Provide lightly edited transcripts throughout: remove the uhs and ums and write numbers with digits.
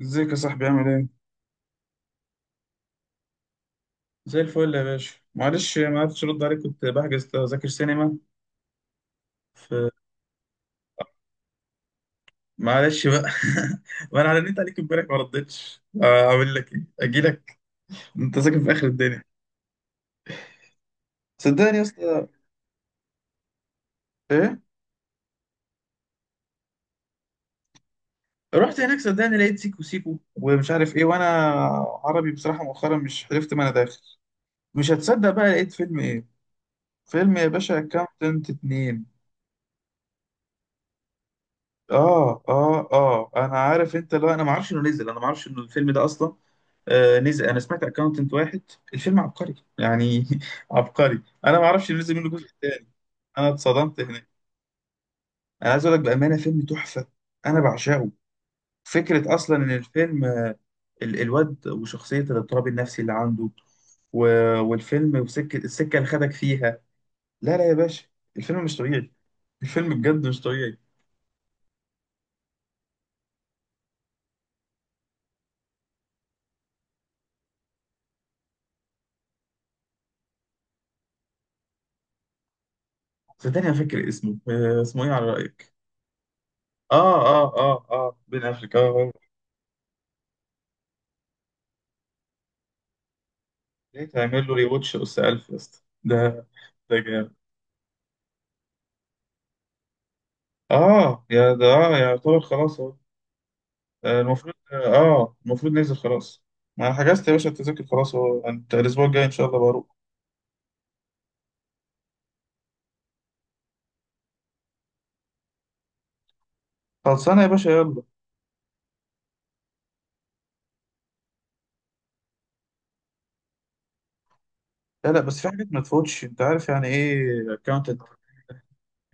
ازيك يا صاحبي، عامل ايه؟ زي الفل يا باشا، معلش ما عرفتش ارد عليك، كنت بحجز تذاكر سينما ف معلش بقى. وانا رنيت عليك امبارح ما ردتش، اعمل لك ايه؟ اجي لك؟ انت ساكن في اخر الدنيا، صدقني يا اسطى. ايه؟ رحت هناك صدقني، لقيت سيكو سيكو ومش عارف ايه، وانا عربي بصراحة مؤخرا مش عرفت، ما انا داخل. مش هتصدق بقى، لقيت فيلم ايه؟ فيلم يا باشا اكاونتنت اتنين. اه اه اه انا عارف، انت لو انا ما اعرفش انه نزل، انا ما اعرفش انه الفيلم ده اصلا. نزل. انا سمعت اكاونتنت واحد. الفيلم عبقري يعني. عبقري. انا ما اعرفش نزل منه جزء تاني. انا اتصدمت هناك. انا عايز اقول لك بامانه، فيلم تحفه. انا بعشقه. فكره اصلا ان الفيلم الواد وشخصيه الاضطراب النفسي اللي عنده، والفيلم وسكه، السكه اللي خدك فيها. لا لا يا باشا، الفيلم مش طبيعي. الفيلم بجد مش طبيعي. صدقني انا فاكر اسمه، اسمه ايه على رايك؟ اه اه اه اه بين افريكا. ليه تعمل له ريواتش اس 1000 يا اسطى؟ ده ده جامد. اه يا ده اه يعتبر خلاص اهو. المفروض المفروض ننزل خلاص. ما انا حجزت يا باشا التذاكر خلاص اهو، انت الاسبوع الجاي ان شاء الله بروح. خلصانه يا باشا، يلا. لا لا بس في حاجات ما تفوتش، انت عارف يعني ايه اكونتنت؟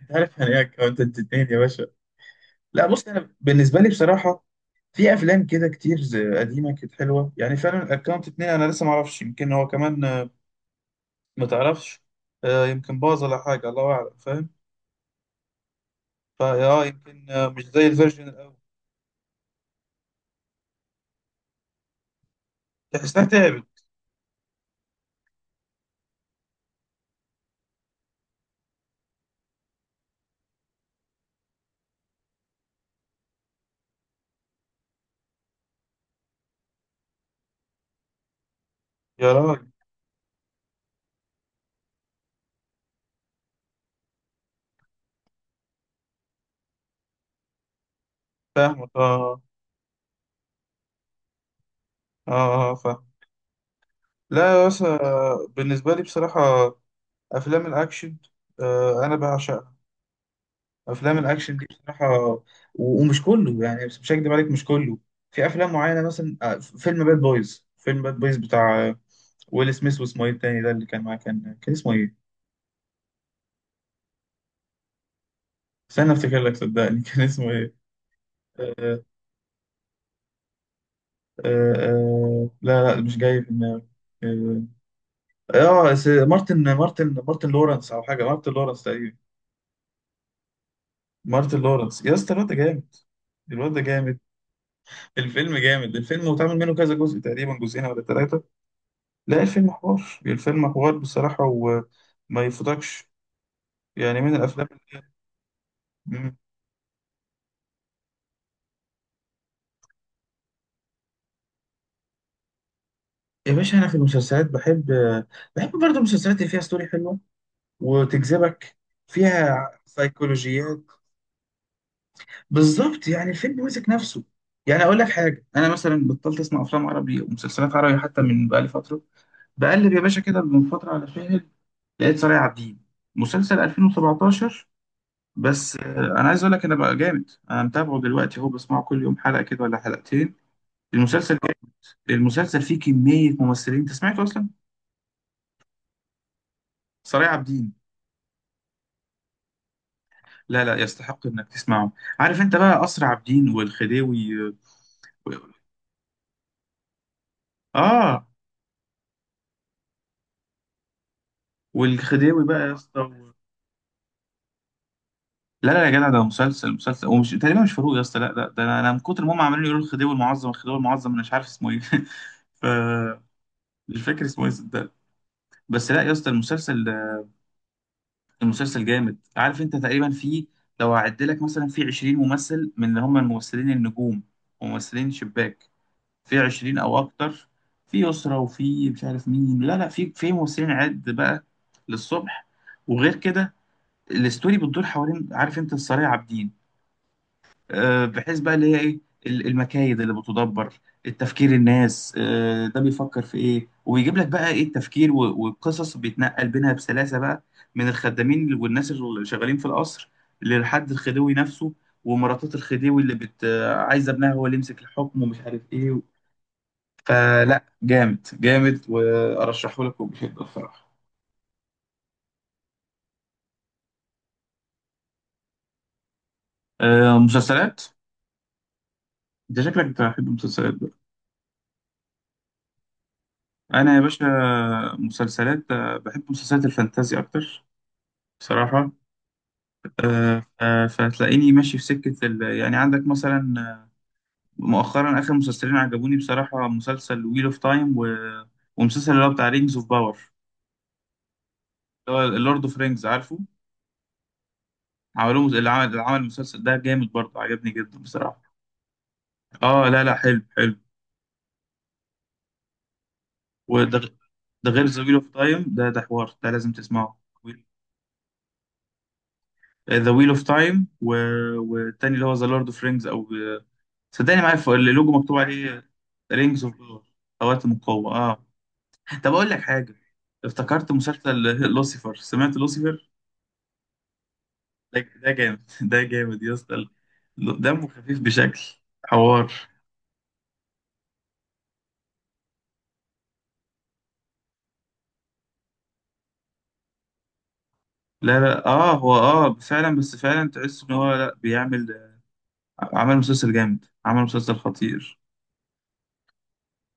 انت عارف يعني ايه اكونتنت اتنين يا باشا؟ لا بص، انا بالنسبه لي بصراحه في افلام كده كتير قديمه كانت حلوه. يعني فعلا اكونت اتنين انا لسه ما اعرفش، يمكن هو كمان ما تعرفش، يمكن باظ ولا حاجه، الله اعلم، فاهم؟ فا اه يمكن مش زي الفيرجن الاول. تحسها تعبت. يا راجل، فاهمك اه. اه اه فاهم. لا يا باشا، بالنسبة لي بصراحة أفلام الأكشن، أنا بعشقها. أفلام الأكشن دي بصراحة، ومش كله يعني، بس مش هكدب عليك، مش كله. في أفلام معينة مثلا، فيلم باد بويز. فيلم باد بويز بتاع ويل سميث، واسمه إيه التاني ده اللي كان معاه؟ كان كان اسمه إيه؟ استنى أفتكر لك صدقني. كان اسمه إيه؟ آه آه آه، لا لا مش جاي في دماغي. اه مارتن لورنس، أو حاجة مارتن لورنس تقريبا. مارتن لورنس يا اسطى، الواد ده جامد. الواد ده جامد. الفيلم جامد، الفيلم واتعمل منه كذا جزء تقريبا، جزئين ولا ثلاثة. لا، الفيلم حوار، الفيلم حوار بصراحة، وما يفوتكش. يعني من الأفلام اللي... مم. يا باشا أنا في المسلسلات بحب، بحب برضه المسلسلات اللي فيها ستوري حلوة وتجذبك، فيها سيكولوجيات. بالظبط، يعني الفيلم ماسك نفسه. يعني أقول لك حاجة، أنا مثلا بطلت أسمع أفلام عربي ومسلسلات عربي حتى من بقالي فترة. بقلب يا باشا كده من فترة على فيلم، لقيت صالح عابدين، مسلسل 2017. بس انا عايز اقول لك، انا بقى جامد انا متابعه دلوقتي، هو بسمعه كل يوم حلقه كده ولا حلقتين. المسلسل، المسلسل فيه كميه ممثلين، انت سمعته اصلا؟ صالح عابدين. لا لا، يستحق انك تسمعه. عارف انت بقى اسرع عابدين والخديوي اه، والخديوي بقى يا اسطى لا لا يا جدع، ده مسلسل، مسلسل، ومش تقريبا مش فاروق يا اسطى، لا لا ده أنا من كتر ما هم عمالين يقولوا الخديوي المعظم الخديوي المعظم، انا مش عارف اسمه ايه. ف مش فاكر اسمه ايه. بس لا يا اسطى، المسلسل، المسلسل جامد. عارف انت تقريبا فيه، لو هعد لك مثلا في 20 ممثل، من اللي هم الممثلين النجوم، ممثلين شباك، في 20 او اكتر، في اسره وفي مش عارف مين. لا لا، في ممثلين عد بقى للصبح. وغير كده الاستوري بتدور حوالين، عارف انت السرايا عابدين، بحيث بقى اللي هي ايه، المكايد اللي بتدبر، التفكير، الناس ده بيفكر في ايه وبيجيب لك بقى ايه، التفكير، والقصص بيتنقل بينها بسلاسة بقى، من الخدامين والناس اللي شغالين في القصر، للحد الخديوي نفسه، ومراتات الخديوي اللي بت آه، عايزة ابنها هو اللي يمسك الحكم ومش عارف ايه. فلا، جامد جامد، وارشحه لك وبشدة الصراحة. مسلسلات. انت شكلك بتحب المسلسلات بقى. انا يا باشا مسلسلات، بحب مسلسلات الفانتازي اكتر بصراحة. فتلاقيني ماشي في سكة ال... يعني عندك مثلا مؤخرا، آخر مسلسلين عجبوني بصراحة، مسلسل ويل اوف تايم، و... ومسلسل اللي هو بتاع رينجز اوف باور، اللي هو اللورد اوف رينجز، عارفه؟ عملوه اللي عمل، اللي عمل المسلسل ده جامد برضه، عجبني جدا بصراحة. اه لا لا، حلو حلو. وده غ- ده غير ذا ويل اوف تايم، ده ده حوار، ده لازم تسمعه. ذا ويل اوف تايم، و... والتاني اللي هو ذا لورد اوف رينجز، او صدقني معايا اللوجو مكتوب عليه رينجز اوف باور، خواتم القوة اه. طب اقول لك حاجه، افتكرت مسلسل. لوسيفر. سمعت لوسيفر؟ ده ده جامد. ده جامد يا اسطى، دمه خفيف بشكل، حوار. لا لا اه، هو اه فعلا، بس فعلا تحس ان هو لا بيعمل، عمل مسلسل جامد، عمل مسلسل خطير.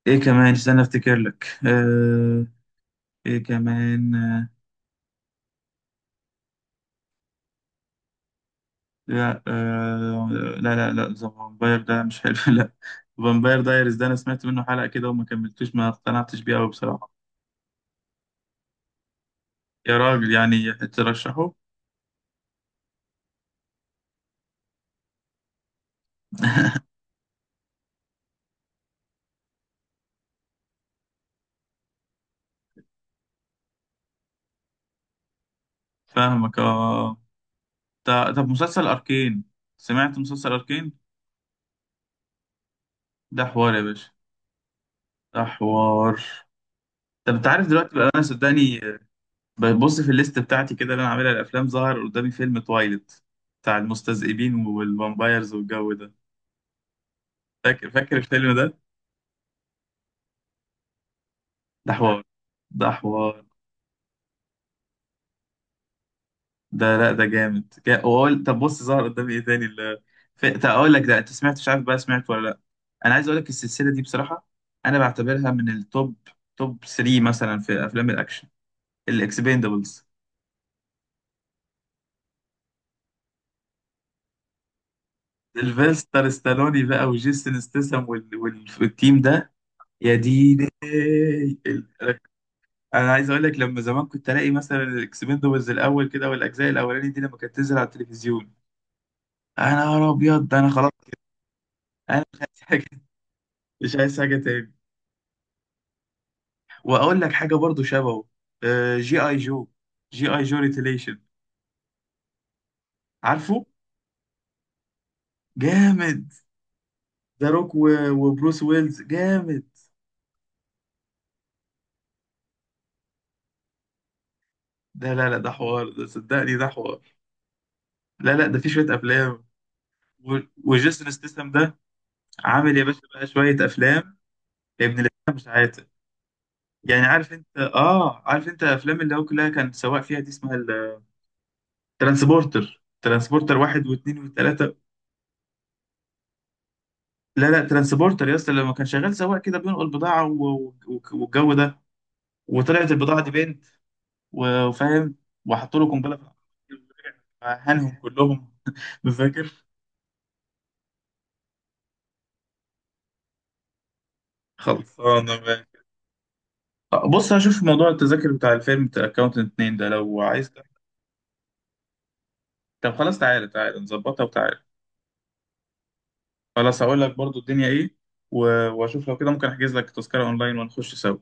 ايه كمان؟ استنى افتكر لك. آه، ايه كمان آه، لا آه، لا لا لا ذا فامباير ده مش حلو. لا، فامباير دايرز، ده انا سمعت منه حلقة كده وما كملتوش، ما اقتنعتش بيه قوي بصراحة. يا راجل، يعني ترشحه؟ فاهمك اه. طب مسلسل اركين، سمعت مسلسل اركين؟ ده حوار يا باشا، ده حوار. طب انت عارف دلوقتي بقى، انا صدقني ببص في الليست بتاعتي كده اللي انا عاملها الافلام، ظهر قدامي فيلم تويلت بتاع المستذئبين والفامبايرز والجو ده، فاكر فاكر الفيلم ده؟ ده حوار، ده حوار. ده لا ده جامد، وأقول طب بص ظهر قدامي ايه تاني اللي، طب اقول لك ده، انت سمعت؟ مش عارف بقى سمعت ولا لا، انا عايز اقول لك السلسله دي بصراحه انا بعتبرها من التوب، توب 3 مثلا في افلام الاكشن، الاكسبندبلز. سيلفستر ستالوني بقى، وجيسون ستاثام، وال... وال... والتيم ده. يا ديني ال- انا عايز اقول لك، لما زمان كنت الاقي مثلا الاكسبندبلز الاول كده، والاجزاء الاولاني دي لما كانت تنزل على التلفزيون، انا يا ابيض ده انا خلاص، انا مش عايز حاجه، مش عايز حاجه تاني. واقول لك حاجه برضو شبهه، جي اي جو، جي اي جو ريتيليشن، عارفه؟ جامد. ذا روك، وبروس ويلز جامد. ده لا لا ده حوار، ده صدقني ده حوار. لا لا ده في شويه افلام، و- وجيسون ستاثام ده عامل يا باشا بقى شويه افلام، ابن الافلام، مش عاتق. يعني عارف انت اه، عارف انت افلام اللي هو كلها كان سواق فيها دي اسمها الترانسبورتر، ترانسبورتر واحد واثنين وثلاثه. لا لا ترانسبورتر يا اسطى، لما كان شغال سواق كده بينقل بضاعه، والجو ده، وطلعت البضاعة دي بنت، وفاهم، وحطوا له قنبلة في العربية. هنهم كلهم. مذاكر. خلصانة بقى، بص هشوف موضوع التذاكر بتاع الفيلم بتاع اكاونتنت 2 ده لو عايز ده. طب خلاص، تعالى تعالى نظبطها، وتعالى. خلاص هقول لك برضو الدنيا ايه، واشوف لو كده ممكن احجز لك تذكرة اونلاين ونخش سوا.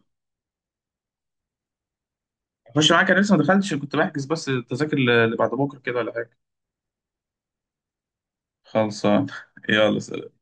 اخش معاك، انا لسه ما دخلتش، كنت بحجز بس التذاكر اللي بعد بكره كده ولا حاجه. خلصان. يلا سلام.